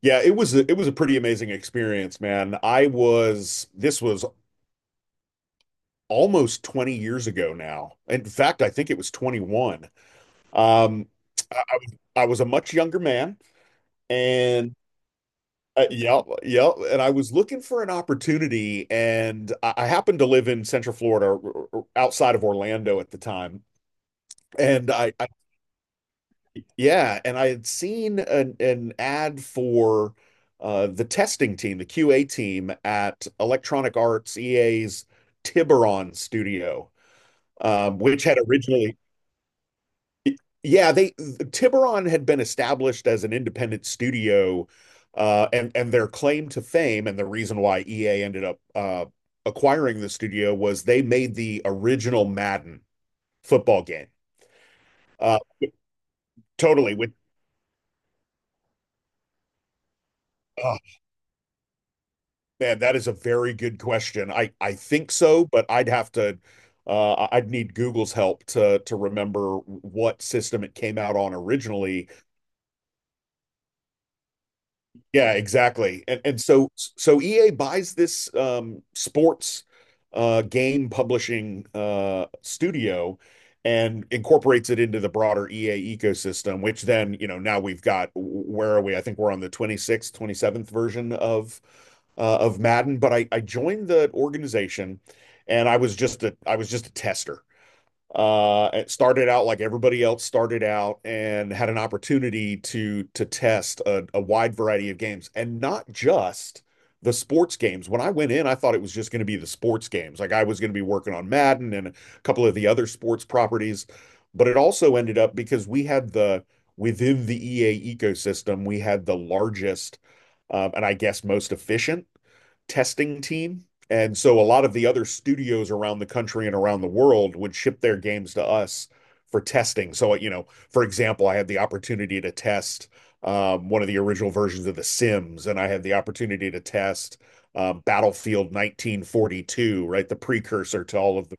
Yeah, it was a pretty amazing experience, man. I was this was almost 20 years ago now. In fact, I think it was 21. Um, I was I was a much younger man, and I was looking for an opportunity, and I happened to live in Central Florida, or outside of Orlando at the time, and I Yeah, and I had seen an ad for the testing team, the QA team at Electronic Arts, EA's Tiburon studio, which had originally, yeah, they Tiburon had been established as an independent studio, and their claim to fame and the reason why EA ended up acquiring the studio was they made the original Madden football game. Uh, totally with. Uh, Man, that is a very good question. I think so, but I'd have to I'd need Google's help to remember what system it came out on originally. Yeah, exactly. And so EA buys this sports game publishing studio and incorporates it into the broader EA ecosystem, which then, you know, now we've got, where are we? I think we're on the 26th, 27th version of Madden, but I joined the organization and I was just a tester. It started out like everybody else started out, and had an opportunity to test a wide variety of games and not just the sports games. When I went in I thought it was just going to be the sports games, like I was going to be working on Madden and a couple of the other sports properties, but it also ended up, because we had the, within the EA ecosystem we had the largest, and I guess most efficient, testing team. And so a lot of the other studios around the country and around the world would ship their games to us for testing. So, you know, for example, I had the opportunity to test one of the original versions of The Sims, and I had the opportunity to test Battlefield 1942, right? The precursor to all of the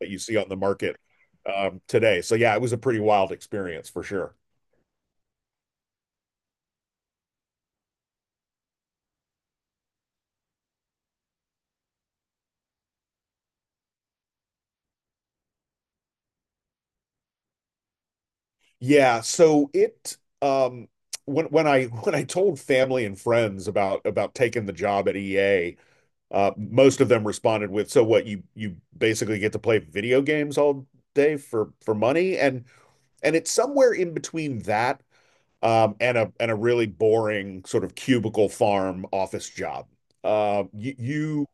that you see on the market today. So, yeah, it was a pretty wild experience for sure. Yeah, so it, um when I when I told family and friends about taking the job at EA, most of them responded with, "So what, you basically get to play video games all day for money?" And it's somewhere in between that and a, and a really boring sort of cubicle farm office job. You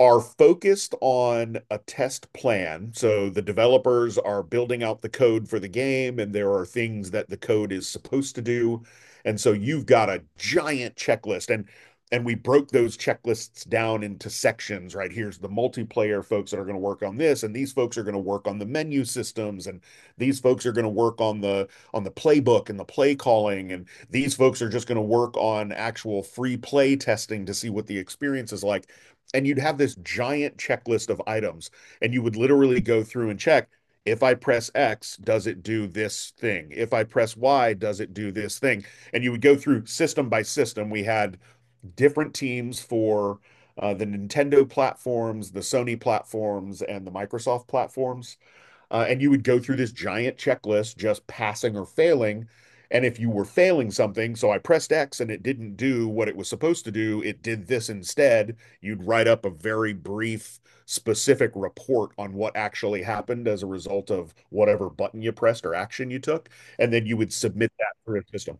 are focused on a test plan. So the developers are building out the code for the game, and there are things that the code is supposed to do. And so you've got a giant checklist. And we broke those checklists down into sections, right? Here's the multiplayer folks that are going to work on this, and these folks are going to work on the menu systems, and these folks are going to work on the playbook and the play calling, and these folks are just going to work on actual free play testing to see what the experience is like. And you'd have this giant checklist of items, and you would literally go through and check, if I press X does it do this thing, if I press Y does it do this thing. And you would go through system by system. We had different teams for the Nintendo platforms, the Sony platforms, and the Microsoft platforms, and you would go through this giant checklist, just passing or failing. And if you were failing something, so I pressed X and it didn't do what it was supposed to do, it did this instead, you'd write up a very brief, specific report on what actually happened as a result of whatever button you pressed or action you took. And then you would submit that through a system.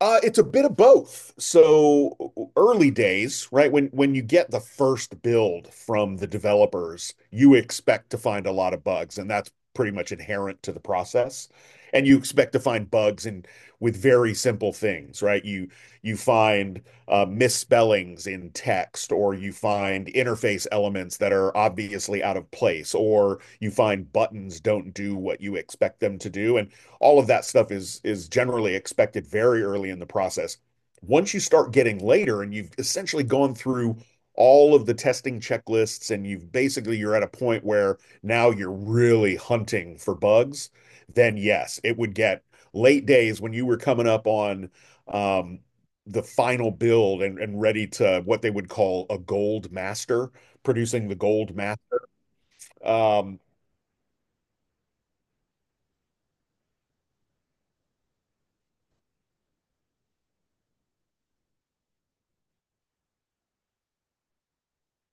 It's a bit of both. So early days, right? When you get the first build from the developers, you expect to find a lot of bugs, and that's pretty much inherent to the process. And you expect to find bugs in with very simple things, right? You find misspellings in text, or you find interface elements that are obviously out of place, or you find buttons don't do what you expect them to do. And all of that stuff is generally expected very early in the process. Once you start getting later and you've essentially gone through all of the testing checklists, and you've basically, you're at a point where now you're really hunting for bugs, then yes, it would get. Late days when you were coming up on um, the final build and ready to what they would call a gold master, producing the gold master. Um,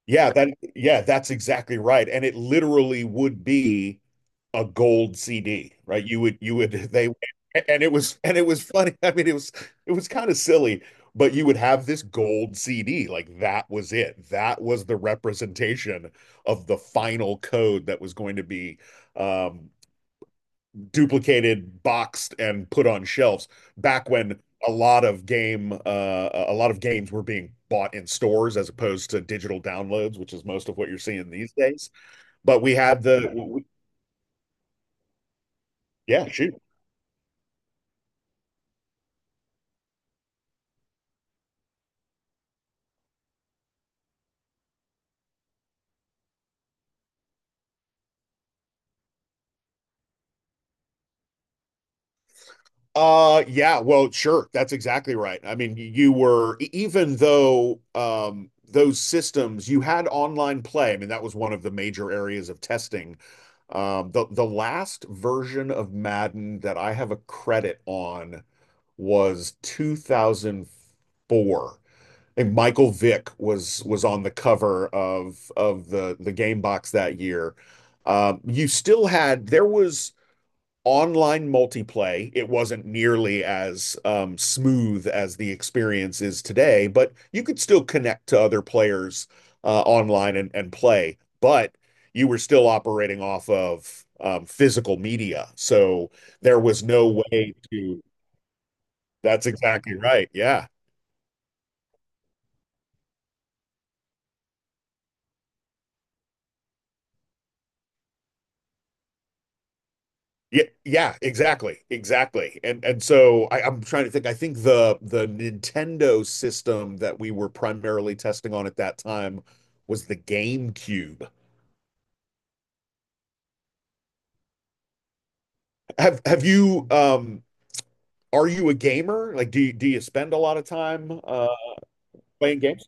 Yeah, that's exactly right. And it literally would be a gold CD, right? You would they, and it was, and it was funny. I mean, it was, it was kind of silly, but you would have this gold CD. Like, that was it. That was the representation of the final code that was going to be um duplicated, boxed, and put on shelves back when a lot of games were being bought in stores as opposed to digital downloads, which is most of what you're seeing these days. But we had the yeah, shoot. Yeah, well sure, that's exactly right. I mean, you were even though those systems, you had online play. I mean, that was one of the major areas of testing. The last version of Madden that I have a credit on was 2004. I think Michael Vick was on the cover of the game box that year. You still had, there was online multiplay. It wasn't nearly as smooth as the experience is today, but you could still connect to other players online and play. But you were still operating off of physical media, so there was no way to, that's exactly right. Yeah. Yeah, yeah, exactly. Exactly. And so I, I'm trying to think. I think the Nintendo system that we were primarily testing on at that time was the GameCube. Have you are you a gamer? Like, do you spend a lot of time playing games?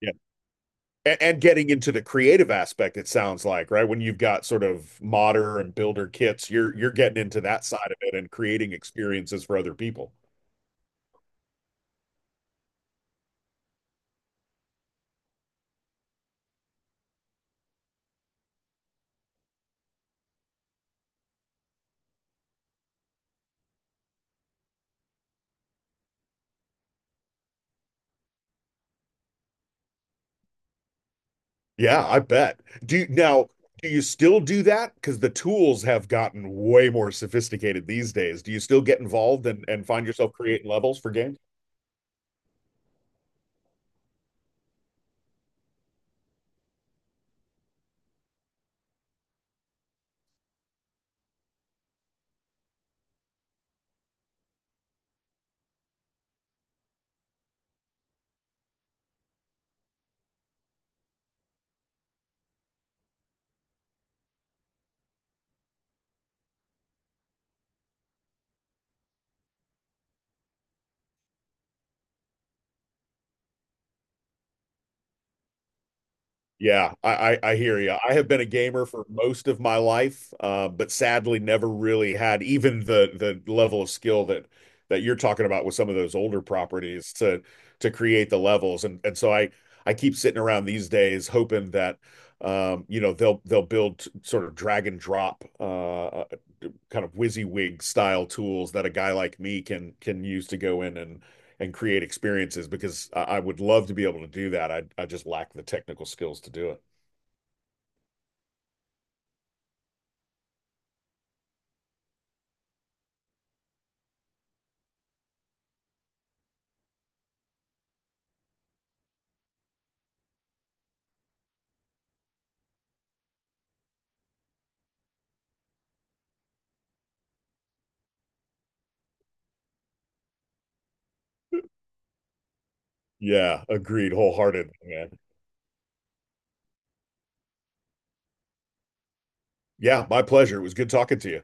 Yeah. And getting into the creative aspect, it sounds like, right? When you've got sort of modder and builder kits, you're getting into that side of it and creating experiences for other people. Yeah, I bet. Do you, now, do you still do that? Because the tools have gotten way more sophisticated these days. Do you still get involved and find yourself creating levels for games? Yeah, I hear you. I have been a gamer for most of my life, but sadly never really had even the level of skill that that you're talking about with some of those older properties to create the levels. And so I keep sitting around these days hoping that you know, they'll build sort of drag and drop kind of WYSIWYG style tools that a guy like me can use to go in and create experiences, because I would love to be able to do that. I just lack the technical skills to do it. Yeah, agreed wholeheartedly, man. Yeah, my pleasure. It was good talking to you.